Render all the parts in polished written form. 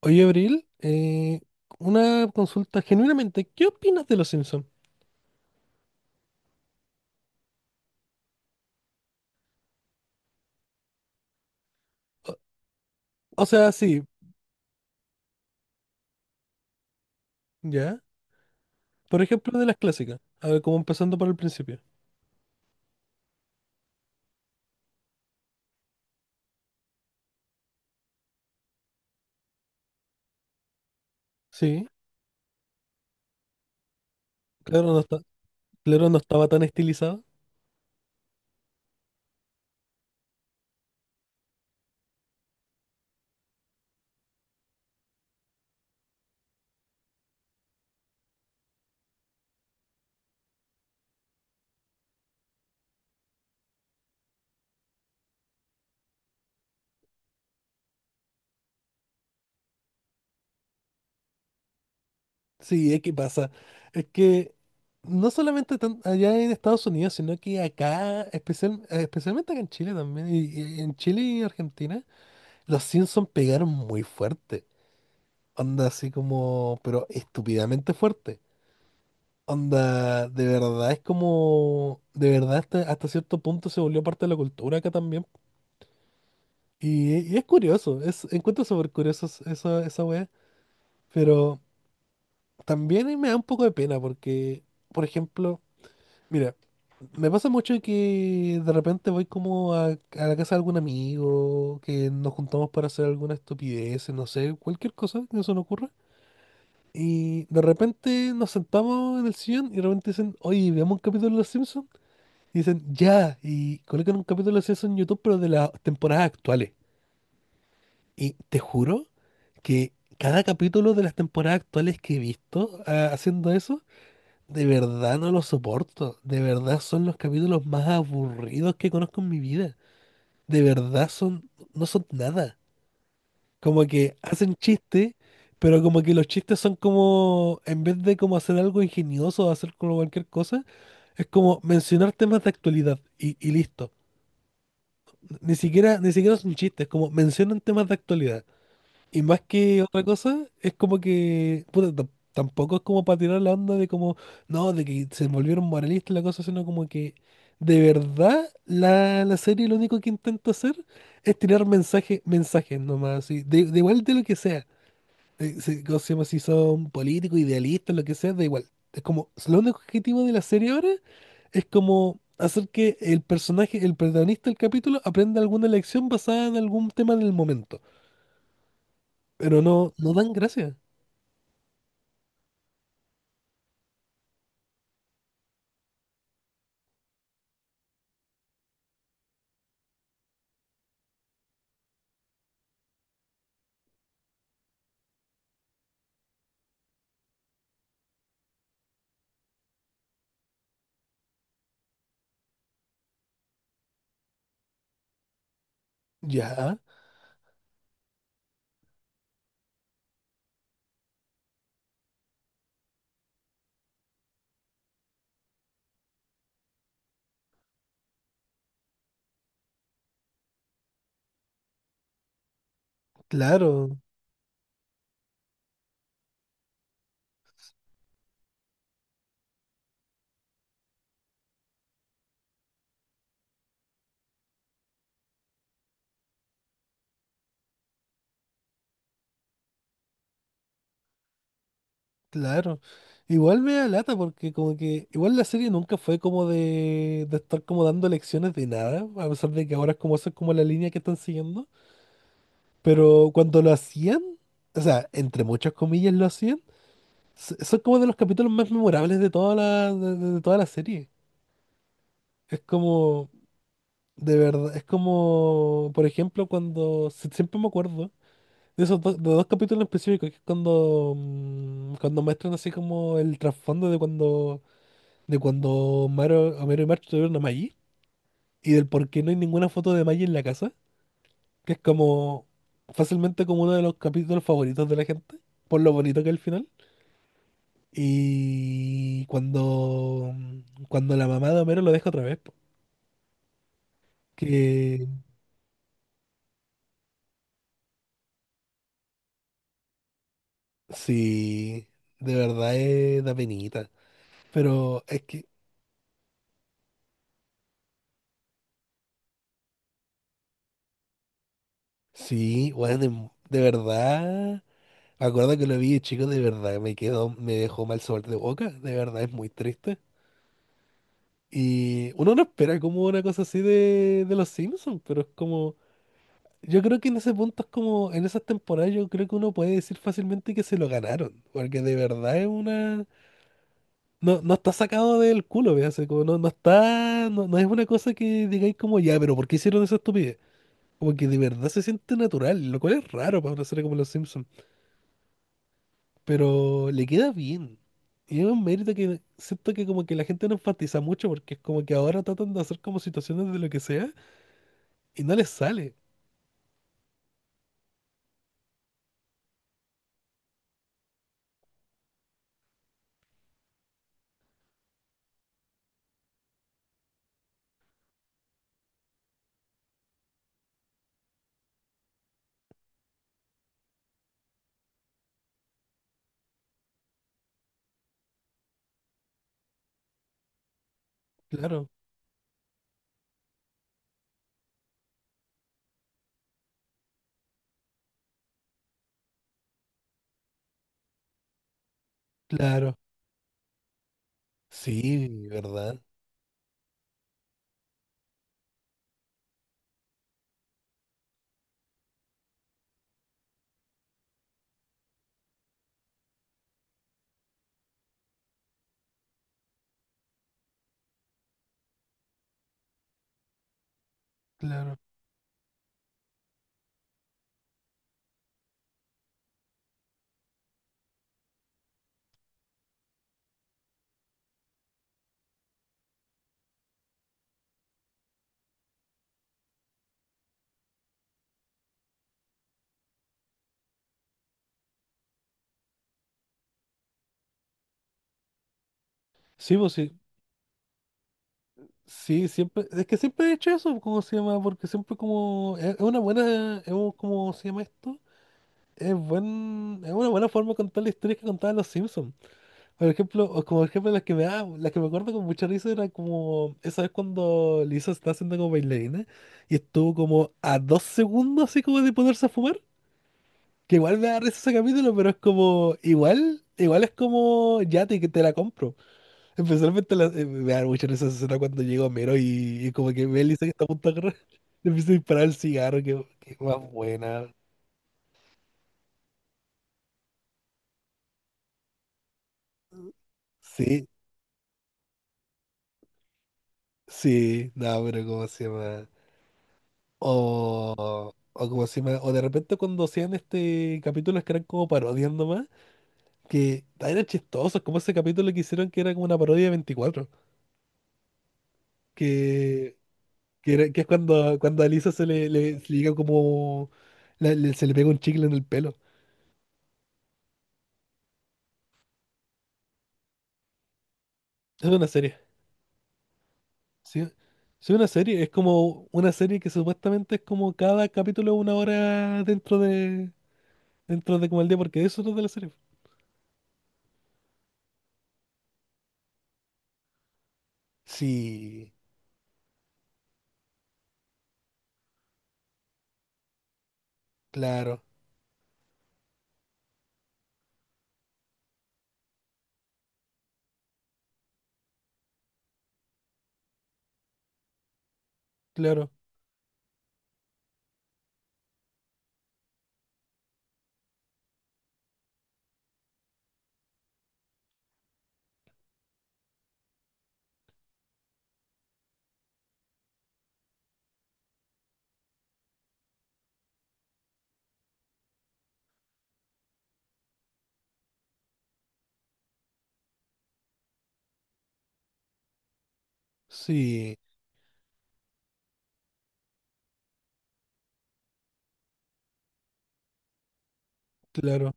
Oye, Abril, una consulta genuinamente, ¿qué opinas de los Simpsons? O, o sea, sí, ya. Por ejemplo, de las clásicas. A ver, como empezando por el principio. Sí, claro, claro, no estaba tan estilizado. Sí, es que pasa. Es que no solamente allá en Estados Unidos, sino que acá, especialmente acá en Chile también, y en Chile y Argentina, los Simpsons pegaron muy fuerte. Onda así como, pero estúpidamente fuerte. Onda, de verdad es como, de verdad hasta cierto punto se volvió parte de la cultura acá también. Y es curioso, encuentro súper curioso esa wea, pero también me da un poco de pena porque, por ejemplo, mira, me pasa mucho que de repente voy como a la casa de algún amigo, que nos juntamos para hacer alguna estupidez, no sé, cualquier cosa que se nos ocurra. Y de repente nos sentamos en el sillón y de repente dicen, oye, veamos un capítulo de Los Simpsons. Y dicen, ya, y colocan un capítulo de eso en YouTube, pero de las temporadas actuales. Y te juro que cada capítulo de las temporadas actuales que he visto haciendo eso, de verdad no lo soporto. De verdad son los capítulos más aburridos que conozco en mi vida. De verdad son, no son nada. Como que hacen chistes, pero como que los chistes son como, en vez de como hacer algo ingenioso o hacer como cualquier cosa, es como mencionar temas de actualidad y listo. Ni siquiera es un chiste, es como mencionan temas de actualidad. Y más que otra cosa, es como que, puta, tampoco es como para tirar la onda de como, no, de que se volvieron moralistas y la cosa, sino como que de verdad la serie lo único que intenta hacer es tirar mensajes, mensajes nomás, así, de igual de lo que sea. Si, ¿cómo se llama? Si son políticos, idealistas, lo que sea, da igual. Es como, lo único objetivo de la serie ahora es como hacer que el personaje, el protagonista del capítulo, aprenda alguna lección basada en algún tema del momento. Pero no, no dan gracia. Ya, claro, claro. Igual me da lata porque como que igual la serie nunca fue como de estar como dando lecciones de nada, a pesar de que ahora es como esa es como la línea que están siguiendo. Pero cuando lo hacían, o sea, entre muchas comillas lo hacían, son como de los capítulos más memorables de toda la, de toda la serie. Es como, de verdad, es como, por ejemplo, cuando siempre me acuerdo de esos dos, de dos capítulos específicos, que es cuando, cuando muestran así como el trasfondo de cuando Homero, Homero y Marge tuvieron a Maggie, y del por qué no hay ninguna foto de Maggie en la casa, que es como fácilmente como uno de los capítulos favoritos de la gente, por lo bonito que es el final. Y cuando, cuando la mamá de Homero lo deja otra vez, po, que sí, de verdad es, da penita. Pero es que, sí, bueno, de verdad, me acuerdo que lo vi, chicos de verdad, me quedó, me dejó mal sabor de boca, de verdad, es muy triste. Y uno no espera como una cosa así de los Simpsons, pero es como, yo creo que en ese punto es como, en esas temporadas yo creo que uno puede decir fácilmente que se lo ganaron, porque de verdad es una, no está sacado del culo, ¿ve? Así como no, no está, no es una cosa que digáis como, ya, pero ¿por qué hicieron esa estupidez? Como que de verdad se siente natural, lo cual es raro para una serie como Los Simpsons. Pero le queda bien. Y es un mérito que siento que como que la gente no enfatiza mucho porque es como que ahora tratan de hacer como situaciones de lo que sea y no les sale. Claro, claro. Sí, ¿verdad? Claro. Sí, pues sí. Sí, siempre. Es que siempre he hecho eso, ¿cómo se llama? Porque siempre como. Es una buena. Es un- ¿cómo se llama esto? Es buen, es una buena forma de contar la historia que contaban los Simpsons. Por ejemplo, o como ejemplo las que me da, las que me acuerdo con mucha risa era como esa vez cuando Lisa está haciendo como bailarina y estuvo como a 2 segundos así como de ponerse a fumar. Que igual me da risa ese capítulo, pero es como igual, igual es como ya te, que te la compro. Especialmente me da mucha risa esa escena cuando llega Homero y como que ve a Lisa que está a punto de agarrar, le empieza a disparar el cigarro, que más buena. Sí, sí, no, pero ¿cómo se llama? O como si me- o de repente cuando hacían este capítulos que eran como parodias nomás, que eran chistosos, como ese capítulo que hicieron que era como una parodia de 24 que, que, que es cuando, cuando a Lisa se le, le, se le llega como se le pega un chicle en el pelo. Es una serie, sí. Es una serie, es como una serie que supuestamente es como cada capítulo 1 hora dentro de como el día, porque de eso es lo de la serie. Sí, claro, claro, sí, claro.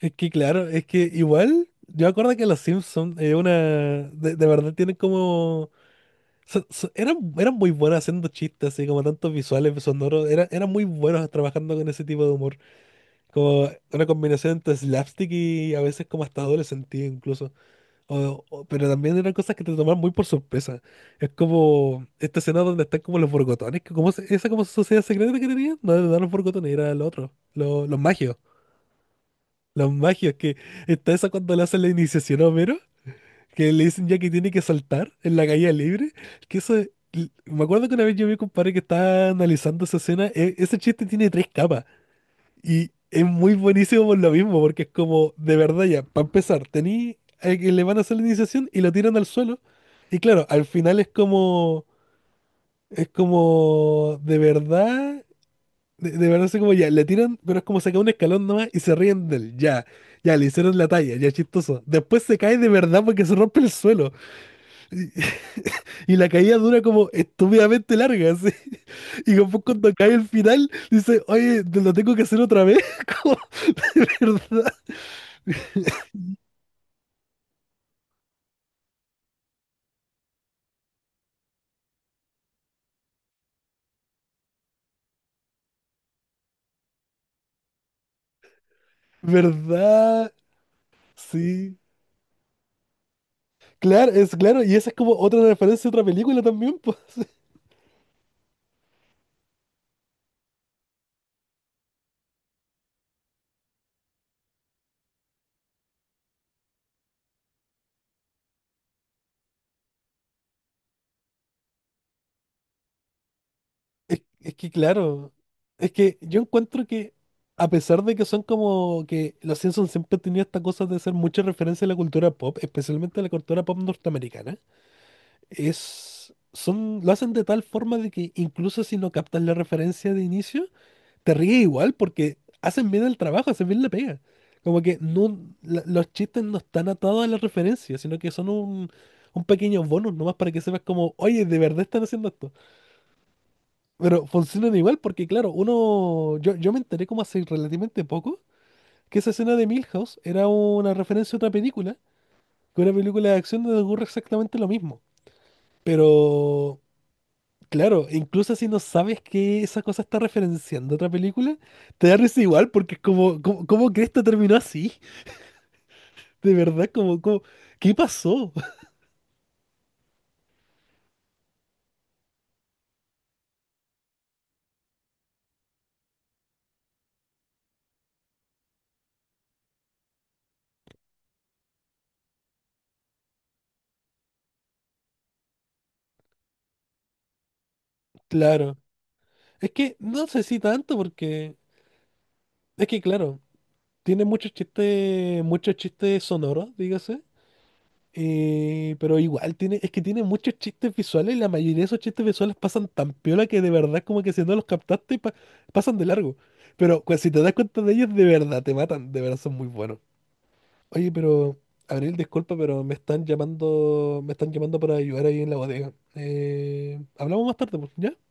Es que igual, yo me acuerdo que los Simpsons, de verdad tienen como, eran muy buenos haciendo chistes, así como tantos visuales, sonoros, eran muy buenos trabajando con ese tipo de humor, como una combinación entre slapstick y a veces como hasta doble sentido incluso, pero también eran cosas que te tomaban muy por sorpresa, es como esta escena donde están como los borgotones, que como esa como sociedad secreta que tenían, no, no eran los borgotones, eran los otros, los magios. Los magios, que está esa cuando le hacen la iniciación a Homero, que le dicen ya que tiene que saltar en la caída libre, que me acuerdo que una vez yo vi un compadre que estaba analizando esa escena, ese chiste tiene tres capas y es muy buenísimo por lo mismo, porque es como, de verdad ya, para empezar, tení a que le van a hacer la iniciación y lo tiran al suelo, y claro, al final es como, de verdad de verdad, así como ya, le tiran, pero es como saca un escalón nomás y se ríen de él. Ya, ya, le hicieron la talla, ya chistoso. Después se cae de verdad porque se rompe el suelo. Y, y la caída dura como estúpidamente larga, así. Y después cuando cae el final, dice, oye, te lo tengo que hacer otra vez. Como, de verdad, verdad, sí. Claro, es claro, y esa es como otra referencia a otra película también, pues. Es que claro, es que yo encuentro que a pesar de que son como que los Simpsons siempre han tenido esta cosa de hacer mucha referencia a la cultura pop, especialmente a la cultura pop norteamericana, es, son, lo hacen de tal forma de que incluso si no captas la referencia de inicio, te ríes igual porque hacen bien el trabajo, hacen bien la pega. Como que no, los chistes no están atados a la referencia, sino que son un pequeño bonus nomás para que sepas como, oye, de verdad están haciendo esto. Pero funcionan igual porque, claro, uno. Yo me enteré como hace relativamente poco que esa escena de Milhouse era una referencia a otra película, que una película de acción donde ocurre exactamente lo mismo. Pero, claro, incluso si no sabes que esa cosa está referenciando otra película, te da risa igual porque es como, como, ¿cómo que esto terminó así? De verdad, como, como, ¿qué pasó? Claro. Es que no sé si tanto porque. Es que, claro, tiene muchos chistes sonoros, dígase pero igual tiene, es que tiene muchos chistes visuales y la mayoría de esos chistes visuales pasan tan piola que de verdad como que si no los captaste pasan de largo. Pero pues, si te das cuenta de ellos, de verdad te matan, de verdad son muy buenos. Oye, pero Abril, disculpa, pero me están llamando para ayudar ahí en la bodega. Hablamos más tarde, pues, ¿ya?